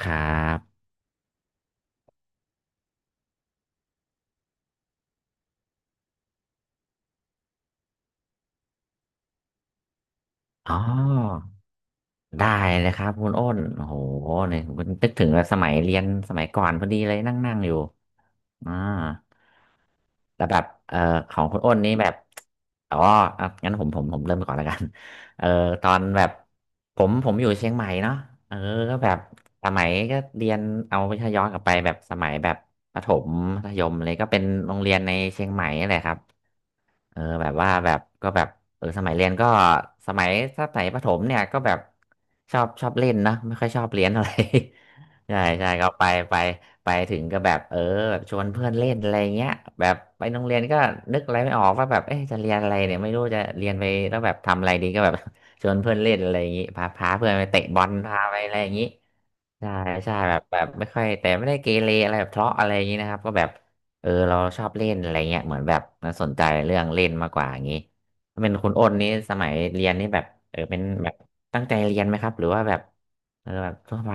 ครับอ๋อได้เลยครับคุณอ้นโอ้โหเนี่ยผมนึกถึงสมัยเรียนสมัยก่อนพอดีเลยนั่งนั่งอยู่อ่าแล้วแบบของคุณอ้นนี่แบบอ๋ออ่ะงั้นผมเริ่มก่อนแล้วกัน เอ่อตอนแบบผมอยู่เชียงใหม่เนาะเออก็แบบสมัยก็เรียนเอาไปถ้าย้อนกลับไปแบบสมัยแบบประถมมัธยมเลยก็เป็นโรงเรียนในเชียงใหม่นี่แหละครับ เออแบบว่าแบบก็แบบเออสมัยเรียนก็สมัยถ้าสมัยประถมเนี่ยก็แบบชอบเล่นนะไม่ค่อยชอบเรียนอะไร ใช่ใช่ก็ไปไปถึงก็แบบเออแบบชวนเพื่อนเล่นอะไรเงี้ยแบบไปโรงเรียนก็นึกอะไรไม่ออกว่าแบบเอ๊ะจะเรียนอะไรเนี่ยไม่รู้จะเรียนไปแล้วแบบทำอะไรดีก็แบบ ชวนเพื่อนเล่นอะไรอย่างงี้พาเพื่อนไปเตะบอลพาไปอะไรอย่างงี้ ใช่ใช่แบบไม่ค่อยแต่ไม่ได้เกเรอะไรแบบทะเลาะอะไรอย่างนี้นะครับก็แบบเออเราชอบเล่นอะไรเงี้ยเหมือนแบบมันสนใจเรื่องเล่นมากกว่าอย่างนี้ถ้าเป็นคุณอ้นนี่สมัยเรียนนี่แบบเออเป็นแบบตั้งใจเรียนไหมครับหรือว่าแบบเออแบบทั่วไป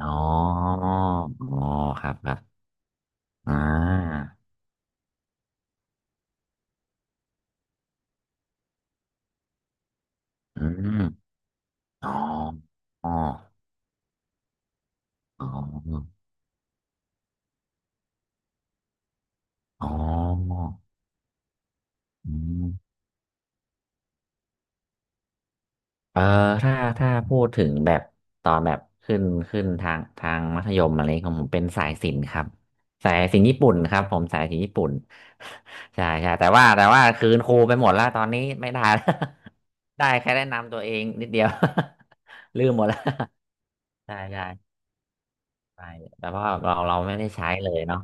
อ๋ออ๋อครับครับอ่าอืมอ๋ออ๋ออ๋ออ๋ออืม เออถ้าถ้าพูดถึงแบบตอนแบบขึ้นทางมัธยมอะไรของผมเป็นสายศิลป์ครับสายศิลป์ญี่ปุ่นครับผมสายศิลป์ญี่ปุ่น ใช่ใช่แต่ว่าคืนครูไปหมดแล้วตอนนี้ไม่ได้แล้ว ได้แค่แนะนำตัวเองนิดเดียว ลืมหมดแล้ว ใช่ใช่ใช่แต่ว่าเราไม่ได้ใช้เลยเนาะ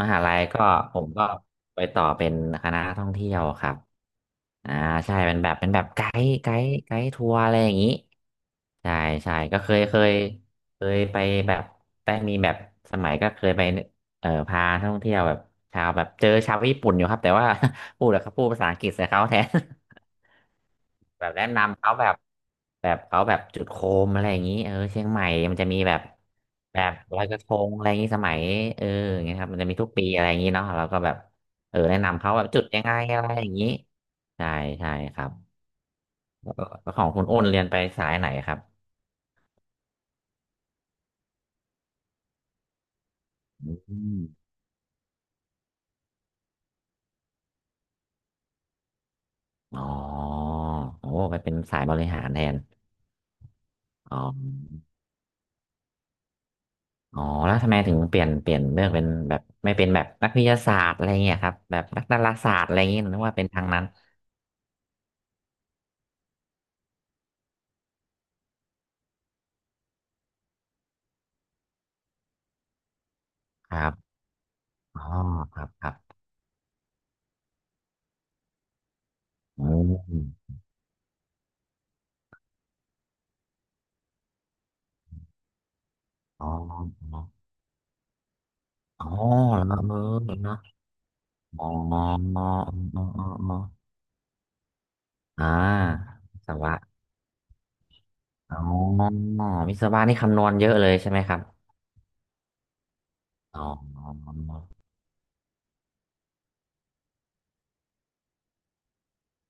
มหาลัยก็ผมก็ไปต่อเป็นคณะท่องเที่ยวครับ อ่าใช่เป็นแบบเป็นแบบไกด์ทัวร์อะไรอย่างนี้ใช่ใช่ก็เคยไปแบบได้มีแบบสมัยก็เคยไปพาท่องเที่ยวแบบชาวแบบเจอชาวญี่ปุ่นอยู่ครับแต่ว่า พูดแล้วเขาพูดภาษาอังกฤษใส่เขาแทน แบบแนะนำเขาแบบแบบเขาแบบจุดโคมอะไรอย่างนี้เออเชียงใหม่มันจะมีแบบแบบลอยกระทงอะไรอย่างนี้สมัยเอออย่างเงี้ยครับมันจะมีทุกปีอะไรอย่างนี้เนาะเราก็แบบเออแนะนำเขาแบบจุดยังไงอะไรอย่างนี้ใช่ใช่ครับ เออแล้วของคุณโอนเรียนไปสายไหนครับอืมอ๋อโอ้ไปเป็นสายบริหารแทนอ๋ออ๋อแล้วทำไมถึงเปลี่ยนเลือกเป็นแบบไม่เป็นแบบนักวิทยาศาสตร์อะไรเงี้ยครับแบบนักดาราศาสตร์อะไรเงี้ยนึกว่าเป็นทางนั้นครับอ๋อครับครับอืมอ๋ออ๋อแล้วเออเนาะอ๋ออ๋ออ๋ออ๋ออ๋ออ่าวิศวะอ๋อวิศวะนี่คำนวณเยอะเลยใช่ไหมครับอ๋อ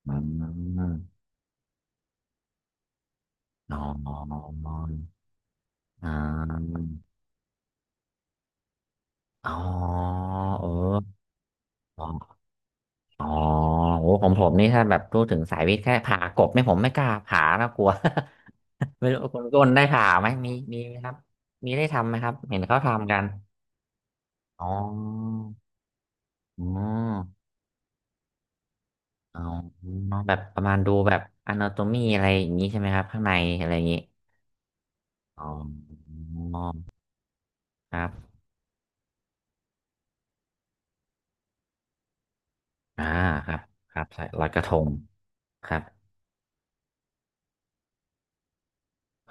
อืมนอนนอนนอนนอนอ่าอ๋อเอออ๋ออ๋อโอ้ของผมนี่ถ้าแบบพูดถึงสายวิทย์แค่ผ่ากบเนี่ยผมไม่กล้าผ่าแล้วกลัว ไม่รู้คนก้นได้ผ่าไหมมีไหมครับมีได้ทำไหมครับเห็นเขาทำกันอ๋ออ๋ออ๋อแบบประมาณดูแบบ a n a t o มีอะไรอย่างนี้ใช่ไหมครับข้างในอะไรอย่างนี้อ๋อครับอ่าครับครับใส่ลอยกระทงครับ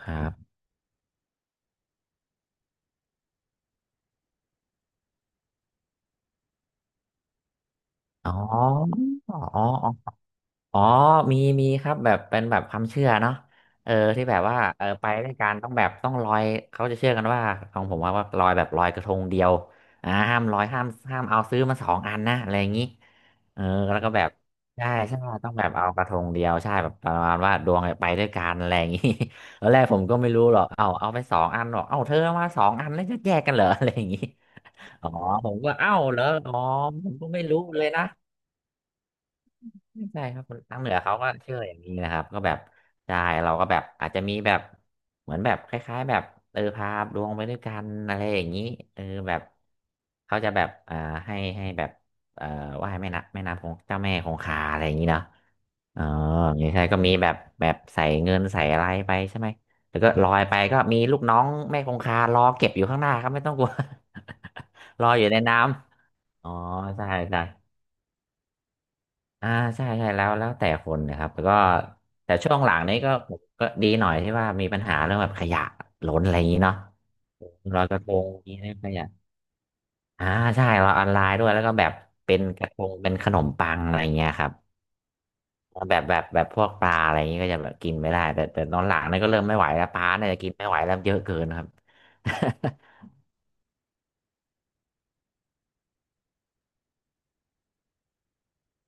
ครับ อ๋ออ๋ออ๋อมีมีครับแบบเป็นแบบความเชื่อเนาะเออที่แบบว่าเออไปด้วยกันต้องแบบต้องลอยเขาจะเชื่อกันว่าของผมว่าว่าลอยแบบลอยกระทงเดียวอ่าห้ามลอยห้ามเอาซื้อมาสองอันนะอะไรอย่างนี้เออแล้วก็แบบใช่ใช่ต้องแบบเอากระทงเดียวใช่แบบประมาณว่าดวงเนี่ยไปด้วยกันอะไรอย่างนี้ ตอนแรกผมก็ไม่รู้หรอกเอาไปสองอันหรอกเอาเธอเอามาสองอันแล้วจะแยกกันเหรอ อะไรอย่างนี้อ๋อผมก็เอ้าเหรออ๋อผมก็ไม่รู้เลยนะ ใช่ครับคนทางเหนือเขาก็เชื่ออย่างนี้นะครับก็แบบใช่เราก็แบบอาจจะมีแบบเหมือนแบบคล้ายๆแบบเออพาดวงไปด้วยกันอะไรอย่างนี้เออแบบเขาจะแบบอ่าให้แบบเอ่อไหว้แม่น้ำของเจ้าแม่คงคาอะไรอย่างนี้เนาะอ๋ออย่างใช่ก็มีแบบแบบใส่เงินใส่อะไรไปใช่ไหมแล้วก็ลอยไปก็มีลูกน้องแม่คงคารอเก็บอยู่ข้างหน้าครับไม่ต้องกลัว รออยู่ในน้ำอ๋อใช่ใช่ อ่าใช่ใช่แล้วแต่คนนะครับแล้วก็แต่ช่วงหลังนี้ก็ดีหน่อยที่ว่ามีปัญหาเรื่องแบบขยะล้นอะไรอย่างนี้เนาะลอยกระทงนี้เรื่องขยะอ่าใช่เราออนไลน์ด้วยแล้วก็แบบเป็นกระทงเป็นขนมปังอะไรเงี้ยครับแบบพวกปลาอะไรอย่างงี้ก็จะแบบกินไม่ได้แต่ตอนหลังนี่ก็เริ่มไม่ไหวแล้วปลาเนี่ยกินไม่ไหวแล้วเยอะเกินครับ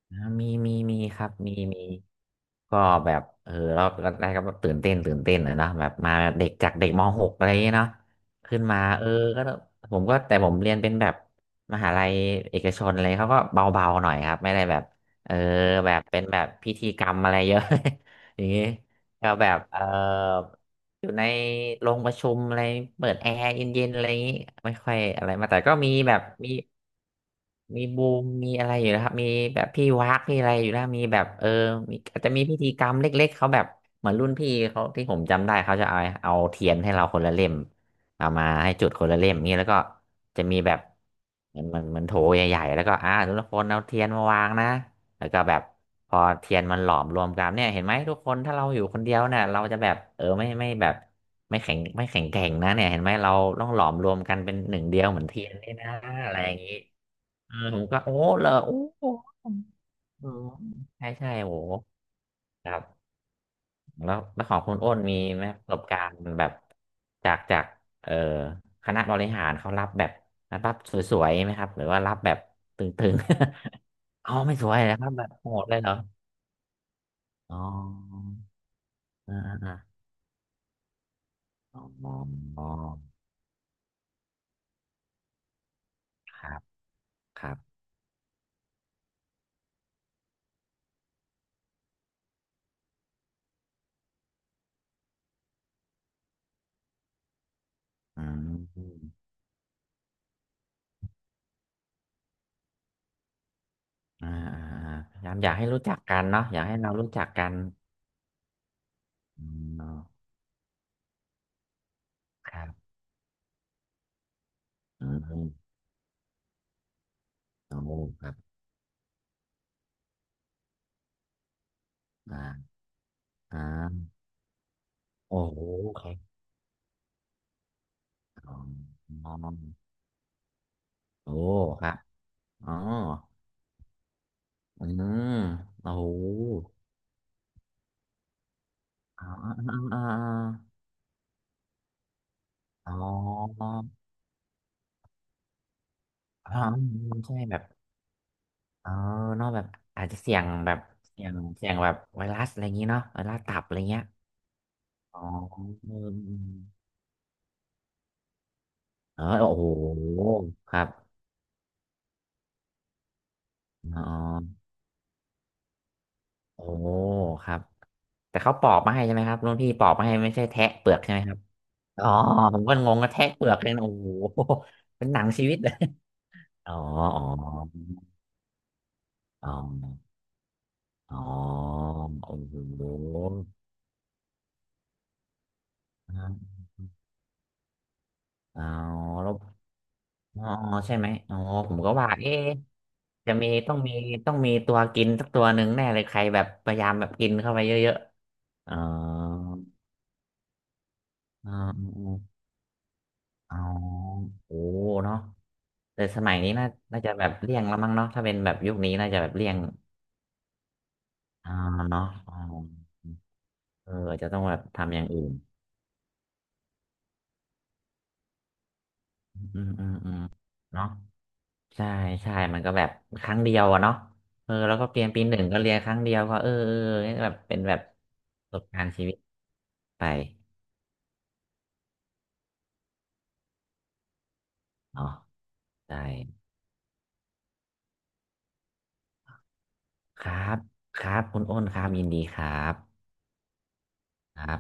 มีครับมีก็แบบเราแรกๆก็แบบตื่นเต้นตื่นเต้นนะเนอะแบบมาเด็กจากเด็กมหกอะไรอย่างเงี้ยเนาะขึ้นมาเออก็ผมก็แต่ผมเรียนเป็นแบบมหาลัยเอกชนอะไรเขาก็เบาๆหน่อยครับไม่ได้แบบเออแบบเป็นแบบพิธีกรรมอะไรเยอะ อย่างงี้ก็แบบเอออยู่ในโรงประชุมอะไรเปิดแอร์เย็นๆอะไรอย่างงี้ไม่ค่อยอะไรมาแต่ก็มีแบบมี มีบูมมีอะไรอยู่นะครับมีแบบพี่วักพี่อะไรอยู่แล้วมีแบบเออมีอาจจะมีพิธีกรรมเล็กๆเขาแบบเหมือนรุ่นพี่เขาที่ผมจำได้เขาจะเอาเทียนให้เราคนละเล่มเอามาให้จุดคนละเล่มนี่แล้วก็จะมีแบบเหมือนโถใหญ่ๆแล้วก็ทุกคนเอาเทียนมาวางนะแล้วก็แบบพอเทียนมันหลอมรวมกันเนี่ยเห็นไหมทุกคนถ้าเราอยู่คนเดียวเนี่ยเราจะแบบเออไม่แบบไม่แข็งแกร่งนะเนี่ยเห็นไหมเราต้องหลอมรวมกันเป็นหนึ่งเดียวเหมือนเทียนนี่นะอะไรอย่างนี้ เออผมก็โอ้เหรอโอ้โหเออใช่ใช่โอ้โหครับแล้วของคุณอ้นมีไหมประสบการณ์แบบจากจากเอ่อคณะบริหารเขารับแบบรับสวยๆไหมครับหรือว่ารับแบบตึงๆ อ๋อไม่สวยแล้วครับแบบโหดเลยเหรออ๋ออ่าอ่าอ๋ออ๋อครับครับอืมอ่าอ่าพยายามอยากให้รู้จักกันเนาะอยากให้เรารู้จักกันอืมครับอืมโอ้ครับอ่า อ่าโอ้โหครับอ๋อโอ้ครับอ๋ออืมโอ้โหอ๋ออ๋ออ๋ออ๋ออ๋ออ๋อใช่แบบเออเนอกแบบอาจจะเสี่ยงแบบเสี่ยงแบบไวรัสอะไรอย่างงี้เนาะไวรัสตับอะไรเงี้ยอ๋อเอมอมเออโอ้โหครับอ๋อโอ้ครับแต่เขาปอกมาให้ใช่ไหมครับรุ่นพี่ปอกมาให้ไม่ใช่แทะเปลือกใช่ไหมครับ อ๋อผมก็งงกระแทกเปลือกเลยนะโอ้โหเป็นหนังชีวิตเลยอ๋ออ๋ออ๋ออ๋อโอ้โหอ๋อแล้วอ๋อใช่ไหมอ๋อผมก็ว่าเอ๊ะจะมีต้องมีต้องมีตัวกินสักตัวหนึ่งแน่เลยใครแบบพยายามแบบกินเข้าไปเยอะๆอ๋ออ๋ออ๋อโอ้เนาะแต่สมัยนี้น่าน่าจะแบบเลี่ยงแล้วมั้งเนาะถ้าเป็นแบบยุคนี้น่าจะแบบเลี่ยงอ่าเนาะอ๋อ เอออาจจะต้องแบบทำอย่างอื่นอืมอืมอืมเนาะใช่ใช่มันก็แบบครั้งเดียวอะเนาะเออแล้วก็เรียนปีหนึ่งก็เรียนครั้งเดียวก็เออเออเนี่ยแบบเป็นแบบประสบการณ์ชีวิตไปเนาะใช่ครับครับคุณอ้นครับยินดีครับครับ